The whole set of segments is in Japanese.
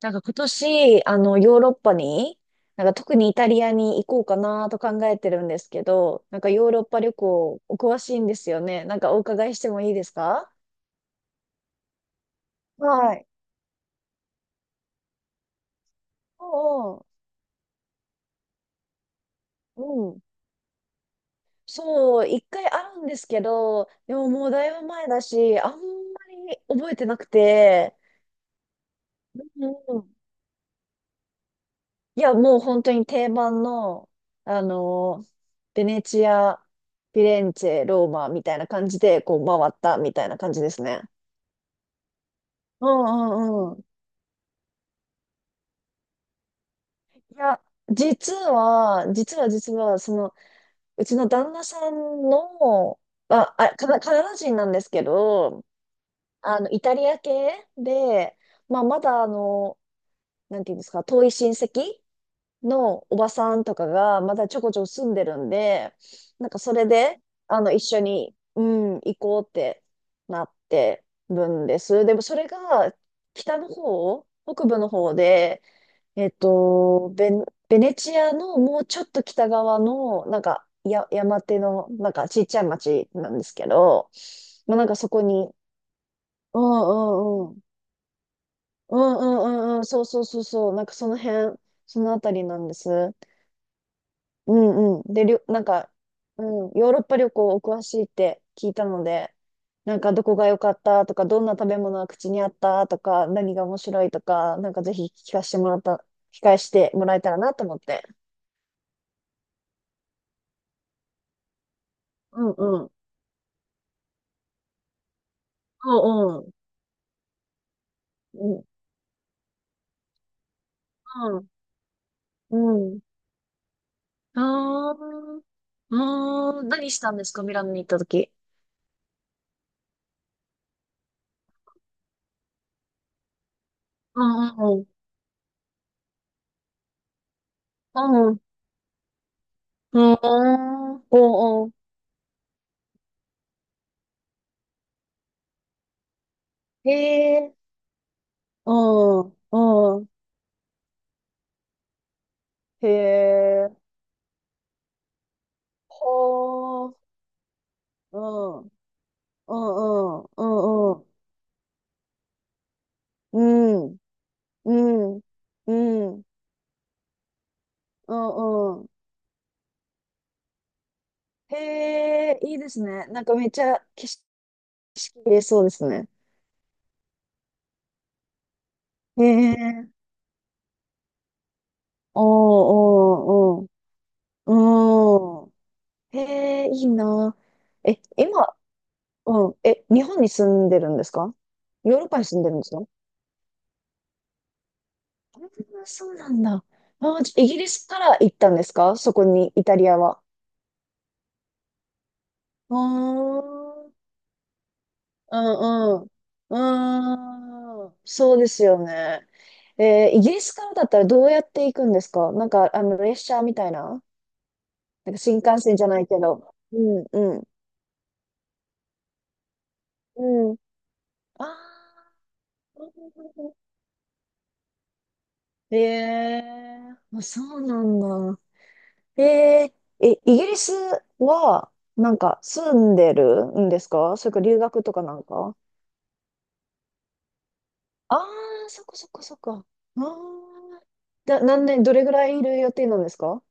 なんか今年、ヨーロッパに、なんか特にイタリアに行こうかなと考えてるんですけど、なんかヨーロッパ旅行お詳しいんですよね。なんかお伺いしてもいいですか？はい。おうおう、うん。そう、一回あるんですけど、でももうだいぶ前だし、あんまり覚えてなくて、うん。いや、もう本当に定番の、あの、ベネチア、フィレンツェ、ローマみたいな感じで、こう回ったみたいな感じですね。うんうんうん。いや、実は、うちの旦那さんの、カナダ人なんですけど、イタリア系で、まあ、まだなんていうんですか、遠い親戚のおばさんとかが、まだちょこちょこ住んでるんで、なんかそれで、一緒に、うん、行こうってなってるんです。でもそれが、北の方、北部の方で、えっと、ベベネチアのもうちょっと北側の、なんか、山手の、なんかちっちゃい町なんですけど、まあなんかそこに、うんうんうん、うんうんうんうん、そうそうそうそう、なんかその辺、そのあたりなんです。うんうん。で、なんか、うん、ヨーロッパ旅行お詳しいって聞いたので、なんかどこが良かったとか、どんな食べ物が口にあったとか、何が面白いとか、なんかぜひ聞かせてもらえたらなと思って。うん、おうおう。うん。うん。うん。あー。あー。何したんですかミラノに行ったとき？うんうんうん。うん。うん。おうん。へえ。うん。うん。へえ。ほー。うん。うんうんうんうん。うんうん。うん。うんうん。へえ、いいですね。なんかめっちゃ景色見れそうですね。へえ。おーおーおー。うん。へえ、いいな。え、今、うん。え、日本に住んでるんですか？ヨーロッパに住んでるんですか？あーそうなんだ。あー、じゃイギリスから行ったんですかそこに、イタリアは？うーん。うんうん。うーん。そうですよね。イギリスからだったらどうやって行くんですか？なんか、列車みたいな、なんか新幹線じゃないけど。うんうん。うん。ああ。ええ、あ、そうなんだ。えええ、イギリスは、なんか、住んでるんですかそれか留学とかなんか？ああー、そっかそっかそっか。ああ、何年、どれぐらいいる予定なんですか？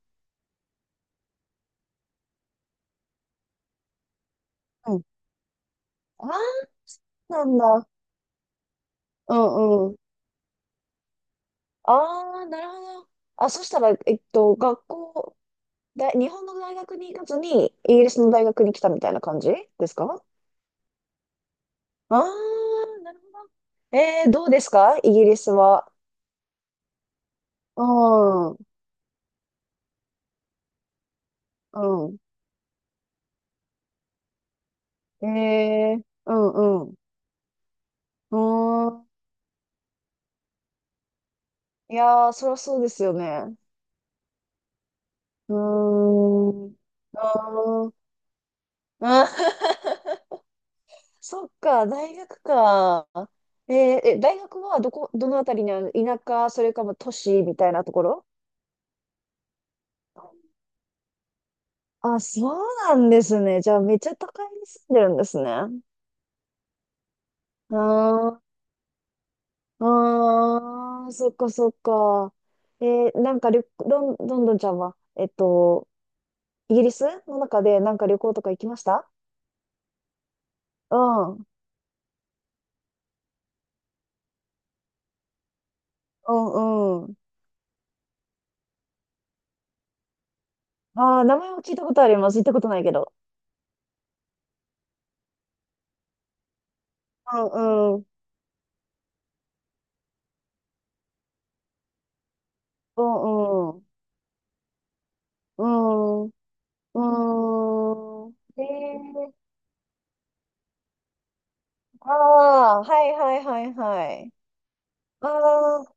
うん。ああ、なんだ。うんうん。ああ、なるほど。あ、そしたら、学校、だ、日本の大学に行かずに、イギリスの大学に来たみたいな感じですか？ああ、なるほど。どうですかイギリスは？うん、うん。えー、うん、うん。うーん。いやー、そりゃそうですよね。うーん。うーん。ー そっか、大学か。えー、え、大学はどこ、どのあたりにある田舎、それかも都市みたいなところ？あ、そうなんですね。じゃあ、めっちゃ都会に住んでるんですね。あーああ、そっかそっか。なんか旅、ロン、ロンドンちゃんは、イギリスの中でなんか旅行とか行きました？うん。うんうん。ああ、名前は聞いたことあります。行ったことないけど。うんうん。うんうん。うん。うん。えー、ああ、はいはいはいはい。ああ、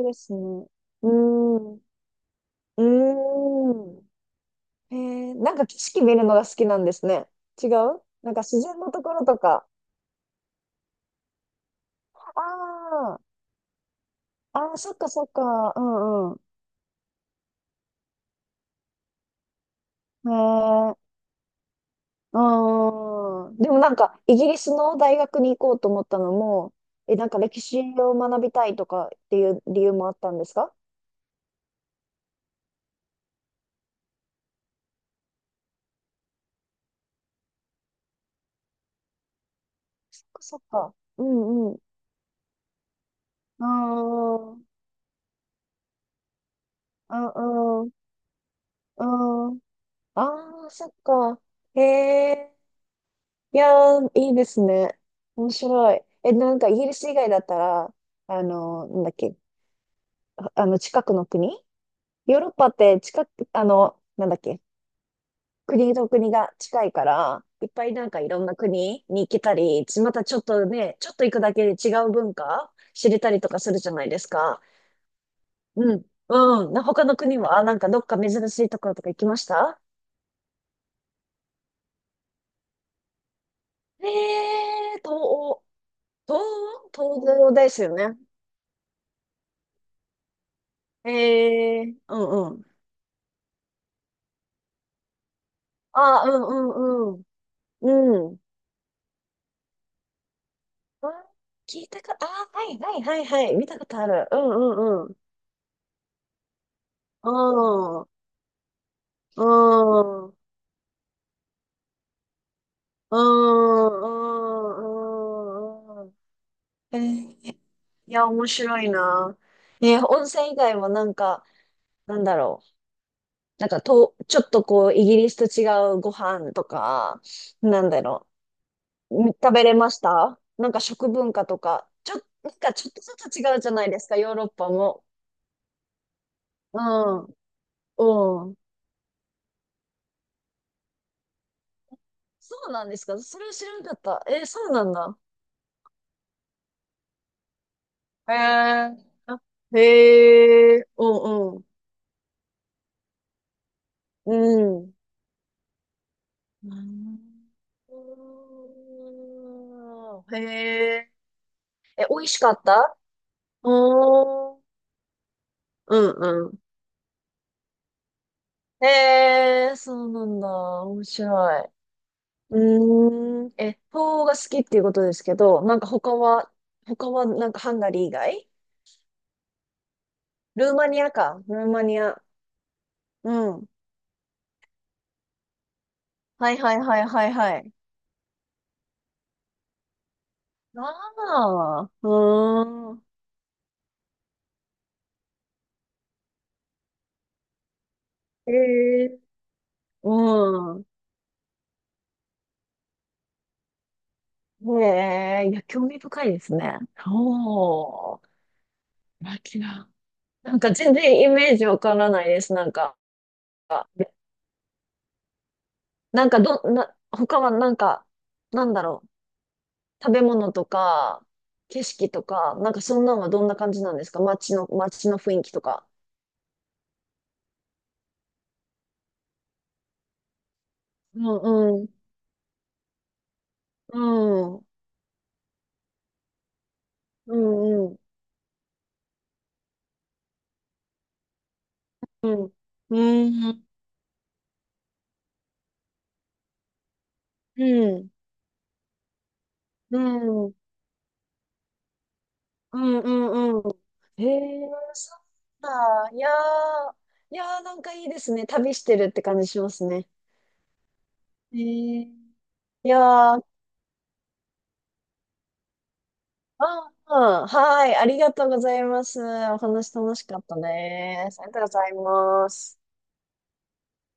いいですね。うん。うん。へえ、なんか景色見るのが好きなんですね。違う、なんか自然のところとか。ああ、ああ、そっかそっか。うんうん。へえ、うん。でもなんか、イギリスの大学に行こうと思ったのも、え、なんか歴史を学びたいとかっていう理由もあったんですか？そっかそっか。うんうん。ああ、うんうん。うん。ああ、そっか。へえ。いやー、いいですね。面白い。え、なんかイギリス以外だったら、なんだっけ、近くの国、ヨーロッパって近く、なんだっけ、国と国が近いから、いっぱいなんかいろんな国に行けたり、またちょっとね、ちょっと行くだけで違う文化知れたりとかするじゃないですか。うん、うん。他の国は、なんかどっか珍しいところとか行きました？えー、東欧、東欧、東欧ですよね。えー、うんうん。ああ、うんうんうん。うん。あ聞いたか、ああ、はいはいはいはい。見たことある。うんうんうん。うんうんうんうんうん。えー、いや、面白いな。ね、温泉以外もなんか、なんだろう。なんかと、ちょっとこう、イギリスと違うご飯とか、なんだろう。食べれました？なんか食文化とか、なんかちょっとずつ違うじゃないですか、ヨーロッパも。うん。おお、そうなんですか？それは知らなかった。えーそうなんだ。へえ。あ、へえ、うんうん。うん。うん、へえ。え、美味しかった？おー。うんうん。へえ、そうなんだ。面白い。うーん。え、フォーが好きっていうことですけど、なんか他は、なんかハンガリー以外？ルーマニアか。ルーマニア。うん。はいはいはいはいはい。ああ、うーん。ええ、うん。ねえ、いや、興味深いですね。おー、ラキナ。なんか全然イメージわからないです。なんか、なんかど、な、他はなんか、なんだろう。食べ物とか、景色とか、なんかそんなのはどんな感じなんですか街の、街の雰囲気とか？うん、うん、うん、うん、うん、うん、うん、うん、うん、うんうんうん。へえ、そうだ。いやー、いやーなんかいいですね。旅してるって感じしますね。へえ。いやー、ああ、あはい。ありがとうございます。お話楽しかったです。ありがとうございます。